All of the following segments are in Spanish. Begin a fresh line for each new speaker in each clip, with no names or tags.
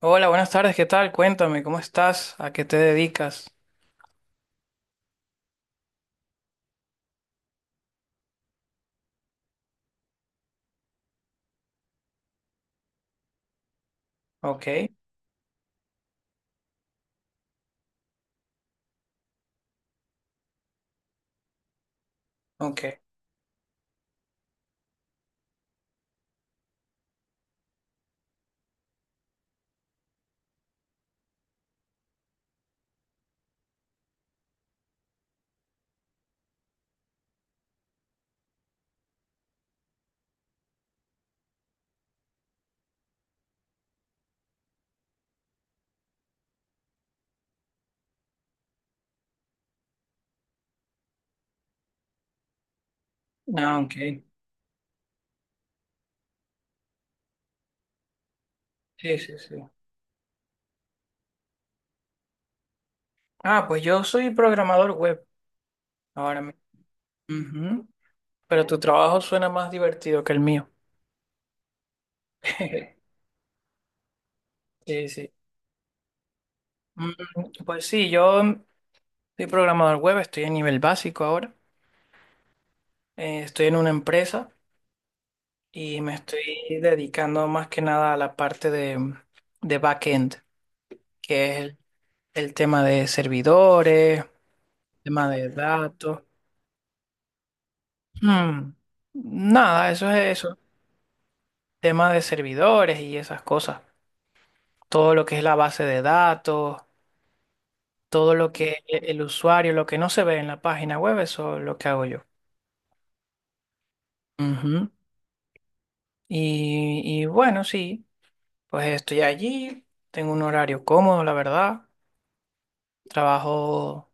Hola, buenas tardes, ¿qué tal? Cuéntame, ¿cómo estás? ¿A qué te dedicas? Ok, ok. Ah, ok. Sí, sí, sí. Ah, pues yo soy programador web ahora mismo. Ujú. Pero tu trabajo suena más divertido que el mío. Sí, sí. Mm, Pues sí, yo soy programador web, estoy a nivel básico ahora. Estoy en una empresa y me estoy dedicando más que nada a la parte de backend, que es el tema de servidores. Tema de datos. Mm. Nada, eso es eso. Tema de servidores y esas cosas. Todo lo que es la base de datos, todo lo que el usuario, lo que no se ve en la página web, eso es lo que hago yo. Ujú. Y bueno, sí, pues estoy allí, tengo un horario cómodo, la verdad. Trabajo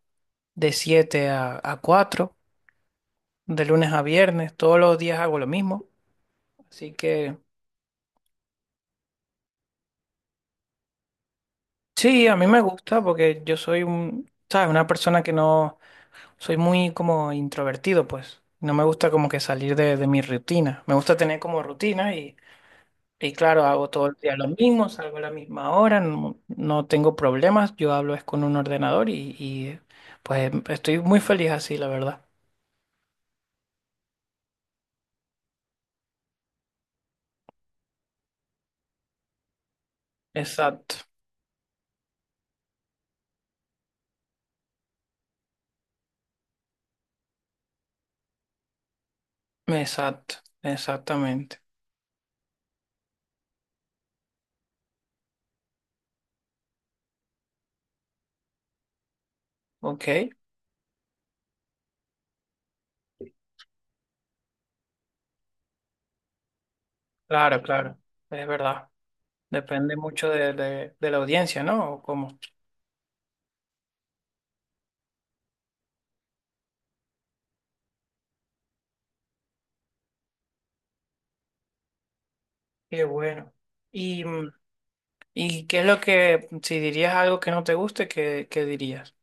de 7 a 4, de lunes a viernes, todos los días hago lo mismo. Así que... Sí, a mí me gusta porque yo soy un, ¿sabes? Una persona que no, soy muy como introvertido, pues. No me gusta como que salir de mi rutina. Me gusta tener como rutina y claro, hago todo el día lo mismo, salgo a la misma hora, no, no tengo problemas, yo hablo es con un ordenador y pues estoy muy feliz así, la verdad. Exacto, exacto, exactamente. Ok, claro, claro, es verdad. Depende mucho de la audiencia, ¿no? ¿O cómo? Qué bueno. ¿Y, y qué es lo que, si dirías algo que no te guste, qué, qué dirías?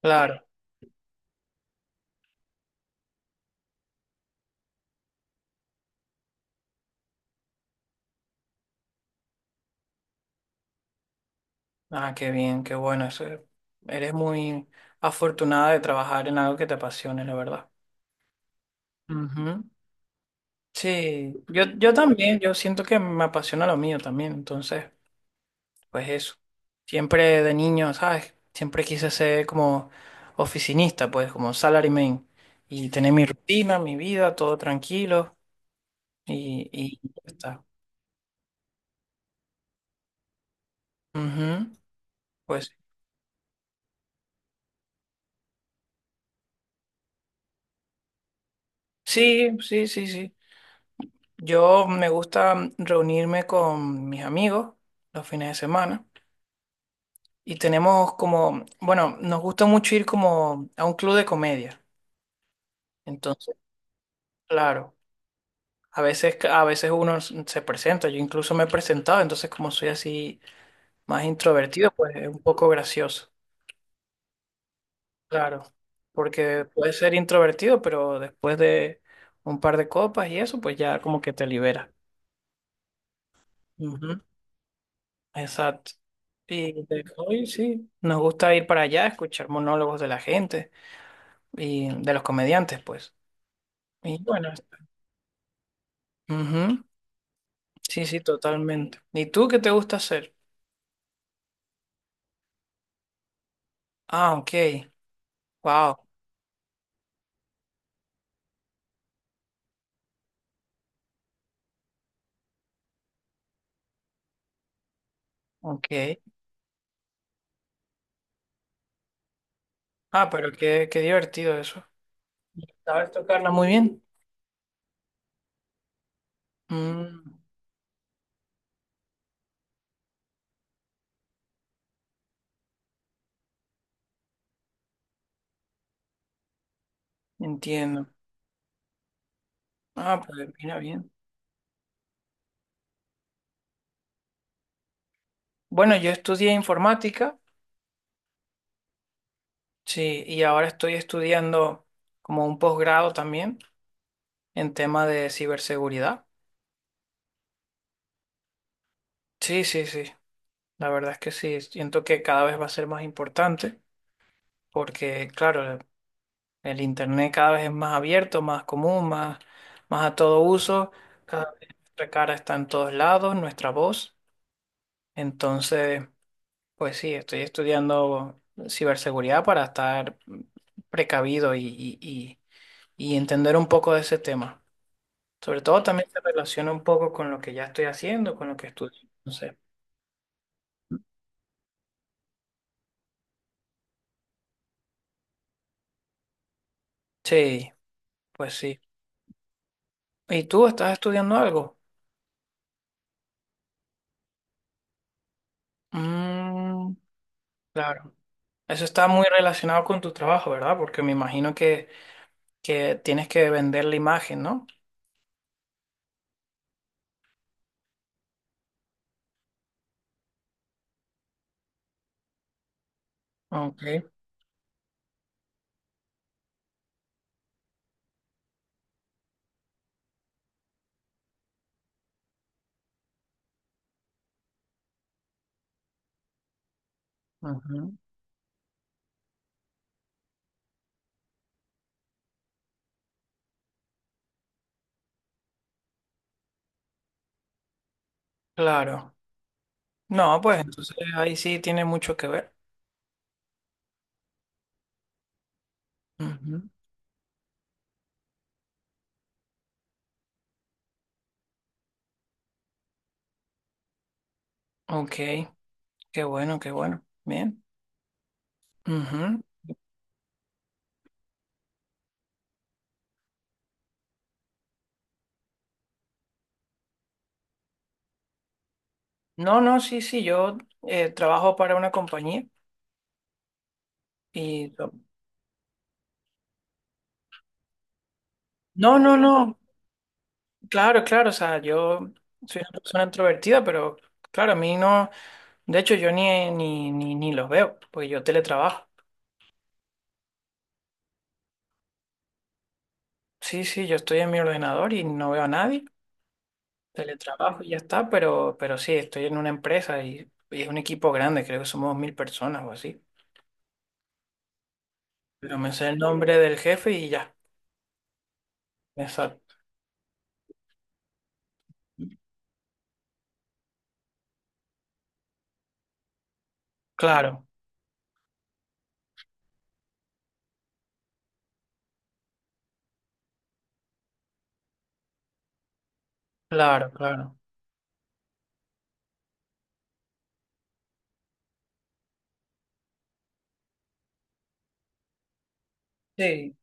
Claro. Ah, qué bien, qué bueno. Eso, eres muy afortunada de trabajar en algo que te apasione, la verdad. Ujú. Sí, yo también, yo siento que me apasiona lo mío también, entonces, pues eso. Siempre de niño, ¿sabes? Siempre quise ser como oficinista, pues como salaryman y tener mi rutina, mi vida, todo tranquilo y ya está. Ujú. Pues sí, sí, sí, sí. Yo me gusta reunirme con mis amigos los fines de semana y tenemos como, bueno, nos gusta mucho ir como a un club de comedia. Entonces, claro, a veces uno se presenta, yo incluso me he presentado, entonces como soy así más introvertido, pues es un poco gracioso. Claro, porque puedes ser introvertido, pero después de un par de copas y eso, pues ya como que te libera. Exacto. Y de hobby, sí, nos gusta ir para allá, escuchar monólogos de la gente y de los comediantes, pues. Y bueno, ujú. Sí, sí, totalmente. ¿Y tú qué te gusta hacer? Ah, ok. Wow, ok. Ah, pero qué, qué divertido eso. ¿Sabes tocarla muy bien? Mm, entiendo. Ah, pues mira bien. Bueno, yo estudié informática, sí, y ahora estoy estudiando como un posgrado también en tema de ciberseguridad. Sí, sí, sí. La verdad es que sí, siento que cada vez va a ser más importante porque, claro, el Internet cada vez es más abierto, más común, más, más a todo uso. Cada vez nuestra cara está en todos lados, nuestra voz. Entonces, pues sí, estoy estudiando ciberseguridad para estar precavido y entender un poco de ese tema. Sobre todo también se relaciona un poco con lo que ya estoy haciendo, con lo que estudio. Entonces, sí, pues sí. ¿Y tú estás estudiando algo? Mm, claro. Eso está muy relacionado con tu trabajo, ¿verdad? Porque me imagino que tienes que vender la imagen, ¿no? Ok. Ujú. Claro. No, pues entonces ahí sí tiene mucho que ver. Ujú. Ok, qué bueno, qué bueno. Bien. Ujú. No, no, sí, sí, yo trabajo para una compañía y... No, no, no. Claro, claro, o sea, yo soy una persona introvertida, pero claro, a mí no, de hecho yo ni los veo, porque yo teletrabajo. Sí, sí, yo estoy en mi ordenador y no veo a nadie, teletrabajo y ya está, pero sí, estoy en una empresa y es un equipo grande, creo que somos 1000 personas o así. Pero me sé el nombre del jefe y ya, exacto. Claro, claro, claro. Sí,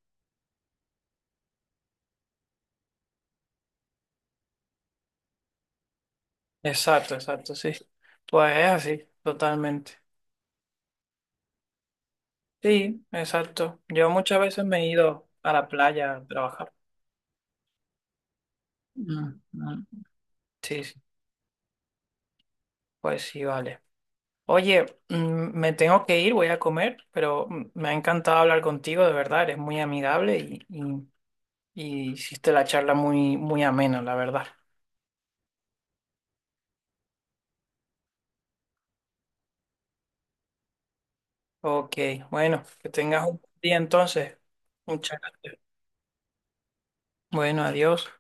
exacto, exacto, sí. Pues es así, totalmente. Sí, exacto. Yo muchas veces me he ido a la playa a trabajar. Mm, mm. Sí, sí, pues sí, vale. Oye, me tengo que ir, voy a comer, pero me ha encantado hablar contigo, de verdad, eres muy amigable y hiciste la charla muy, muy amena, la verdad. Ok, bueno, que tengas un buen día entonces. Muchas gracias. Bueno, adiós.